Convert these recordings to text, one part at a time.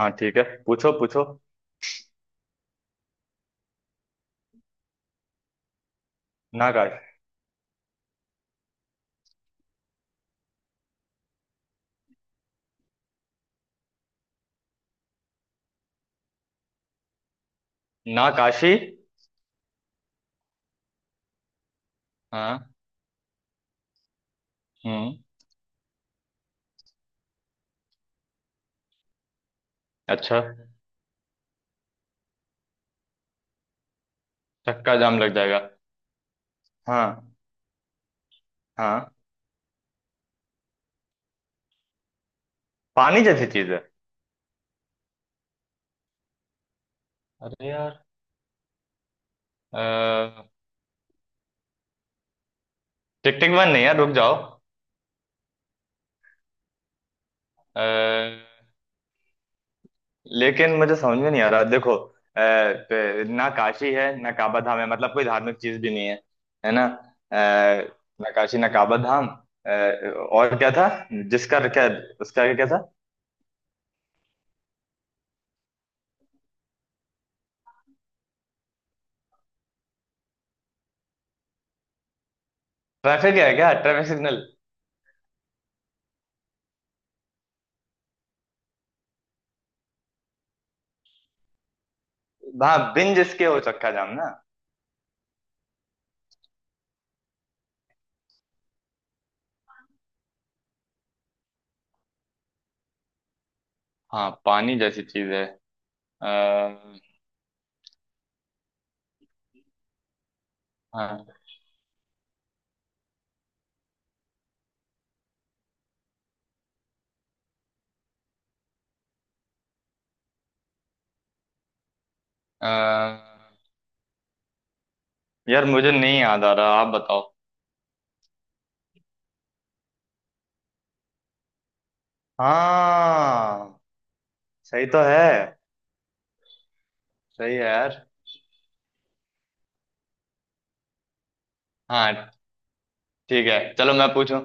हाँ, ठीक है। पूछो पूछो। नाकाश। नाकाशी। हाँ। हम्म। अच्छा। चक्का जाम लग जाएगा। हाँ। हाँ, पानी जैसी चीज है। अरे यार। अ, टिक टिक वन नहीं यार, रुक जाओ। अ, लेकिन मुझे समझ में नहीं आ रहा। देखो, ना काशी है, ना काबा धाम है, मतलब कोई धार्मिक चीज भी नहीं है। है ना ना काशी ना काबा धाम। अ, और क्या था? जिसका क्या? उसका आगे क्या था? ट्रैफिक है क्या? Traffic signal. हाँ, बिन जिसके हो चक्का जाम ना। हाँ, पानी जैसी चीज है। आ, हाँ, अ, यार मुझे नहीं याद आ रहा, आप बताओ। हाँ, सही तो है। सही है यार। हाँ, ठीक है, चलो मैं पूछूं।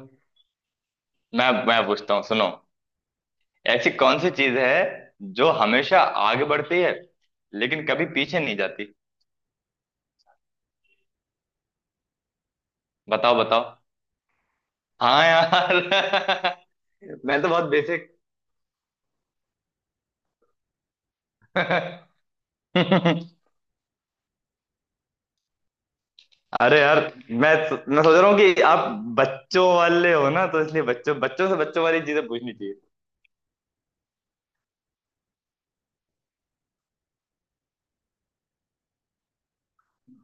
मैं पूछता हूँ, सुनो। ऐसी कौन सी चीज है जो हमेशा आगे बढ़ती है लेकिन कभी पीछे नहीं जाती? बताओ बताओ। हाँ यार मैं तो बहुत बेसिक अरे यार, मैं मैं सोच रहा हूँ कि आप बच्चों वाले हो ना, तो इसलिए बच्चों बच्चों से बच्चों वाली चीजें पूछनी चाहिए।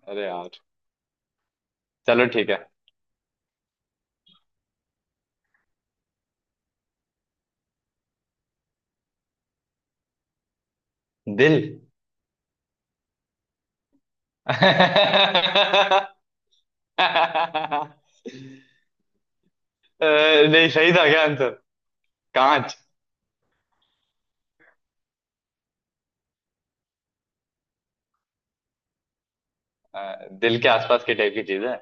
अरे यार, चलो ठीक है। दिल अ, नहीं, सही था क्या आंसर? कांच। दिल के आसपास की टाइप की चीज है।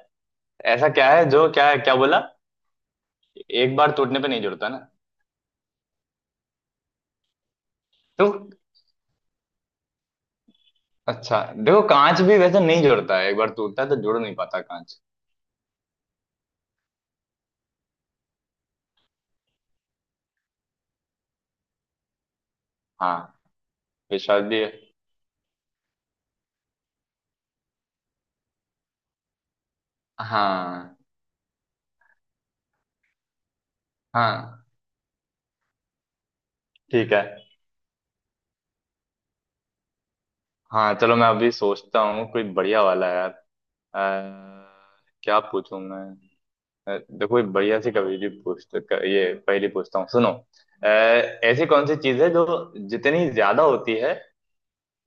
ऐसा क्या है जो, क्या क्या बोला? एक बार टूटने पे नहीं जुड़ता ना? तो अच्छा, देखो कांच भी वैसे नहीं जुड़ता है, एक बार टूटता है तो जुड़ नहीं पाता कांच। हाँ, विश्वास भी है। हाँ। हाँ, ठीक है। हाँ चलो, मैं अभी सोचता हूँ कोई बढ़िया वाला यार। अ, क्या पूछूं मैं? देखो एक बढ़िया सी कभी भी पूछते। ये पहली पूछता हूँ, सुनो। ऐसी कौन सी चीज है जो जितनी ज्यादा होती है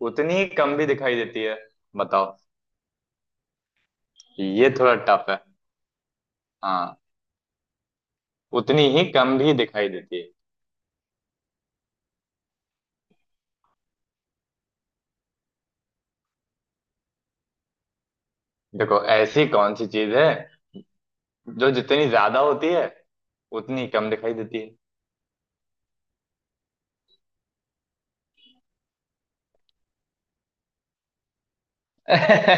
उतनी ही कम भी दिखाई देती है? बताओ। ये थोड़ा टफ है। हाँ। उतनी ही कम भी दिखाई देती है। देखो, ऐसी कौन सी चीज है जो जितनी ज्यादा होती है उतनी कम दिखाई देती है?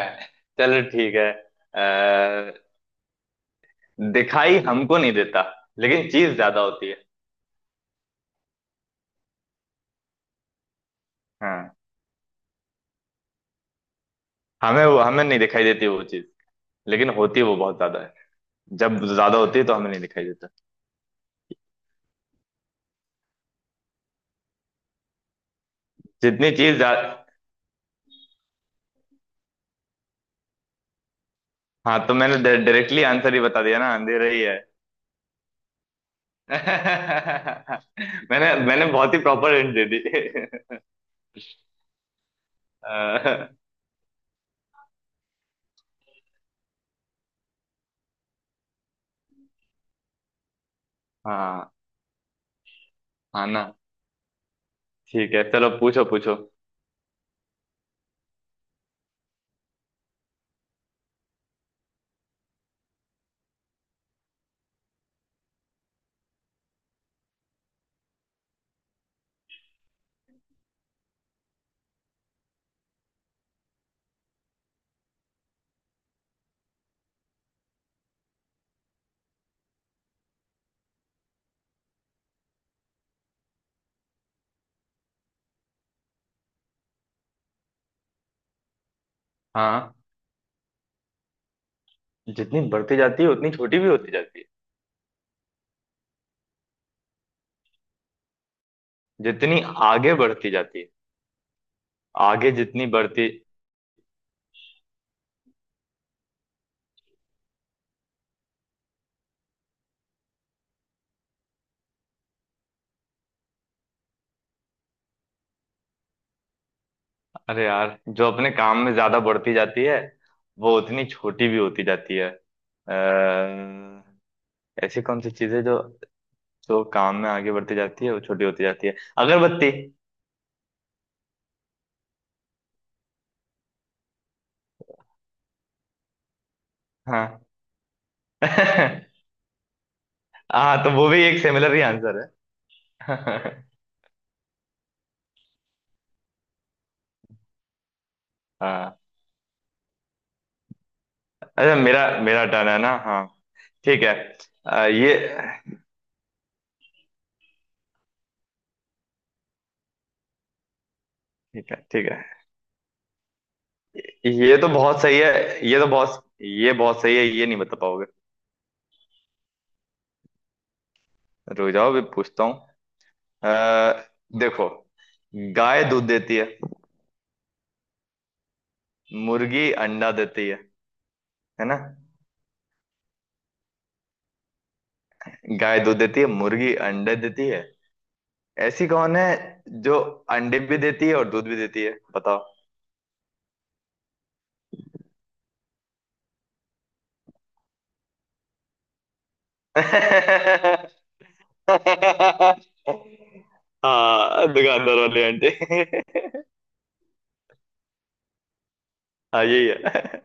चलो ठीक है। अ, दिखाई हमको नहीं देता लेकिन चीज ज्यादा होती है। हाँ, हमें नहीं दिखाई देती वो चीज, लेकिन होती वो बहुत ज्यादा है। जब ज्यादा होती है तो हमें नहीं दिखाई देता। जितनी चीज ज्या- हाँ, तो मैंने डायरेक्टली आंसर ही बता दिया ना, अंधेरा ही है। मैंने मैंने बहुत ही प्रॉपर हिंट दे दी अ, हाँ। हाँ ना। ठीक है, चलो पूछो पूछो। हाँ, जितनी बढ़ती जाती है उतनी छोटी भी होती जाती है। जितनी आगे बढ़ती जाती है। आगे जितनी बढ़ती। अरे यार, जो अपने काम में ज्यादा बढ़ती जाती है वो उतनी छोटी भी होती जाती है। ऐसी कौन सी चीजें जो, जो काम में आगे बढ़ती जाती है वो छोटी होती जाती है? अगरबत्ती। हाँ हाँ, तो वो भी एक सिमिलर ही आंसर है। हाँ। अच्छा, मेरा मेरा टर्न है ना? हाँ, ठीक है। ये ठीक है, ठीक है। ये तो बहुत सही है, ये बहुत सही है, ये नहीं बता पाओगे। रुक जाओ, अभी पूछता। अ, देखो, गाय दूध देती है, मुर्गी अंडा देती है। है ना? गाय दूध देती है, मुर्गी अंडे देती है। ऐसी कौन है जो अंडे भी देती है और दूध भी देती है? बताओ। हाँ, दुकानदार वाली आंटी हाँ, यही है।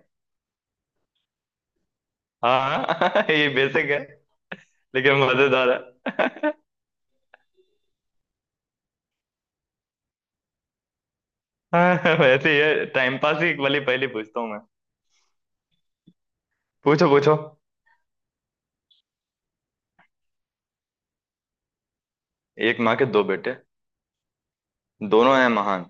हाँ ये बेसिक है लेकिन मजेदार है। हाँ, वैसे ही है, टाइम पास ही वाली पहली पूछता हूँ मैं। पूछो पूछो। एक माँ के दो बेटे। दोनों हैं महान।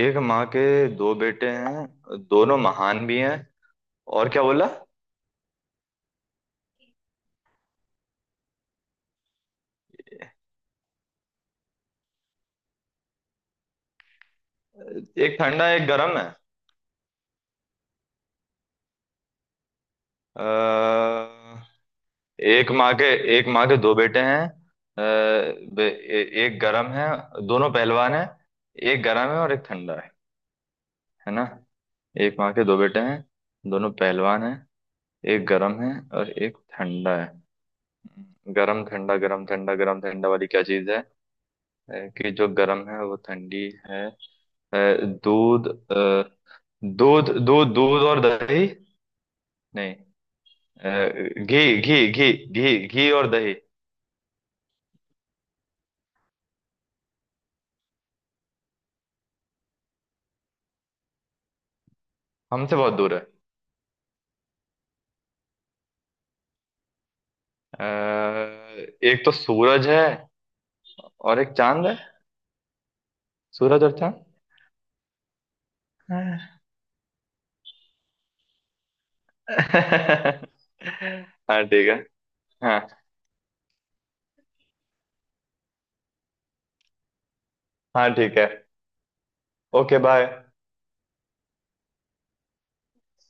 एक माँ के दो बेटे हैं, दोनों महान भी हैं। और क्या बोला? एक ठंडा एक गर्म है। अ, एक माँ के एक माँ के दो बेटे हैं। बे- एक गर्म है, दोनों पहलवान हैं, एक गर्म है और एक ठंडा है। है ना? एक माँ के दो बेटे हैं, दोनों पहलवान हैं, एक गर्म है और एक ठंडा है। गरम ठंडा गरम ठंडा गरम ठंडा वाली क्या चीज है कि जो गरम है वो ठंडी है। अ, दूध दूध दूध दूध और दही। नहीं। अ, घी घी घी घी घी और दही। हमसे बहुत दूर है। अ, एक तो सूरज है और एक चांद है। सूरज और चांद। हाँ हाँ, ठीक है। हाँ। हाँ, ठीक है। Okay bye.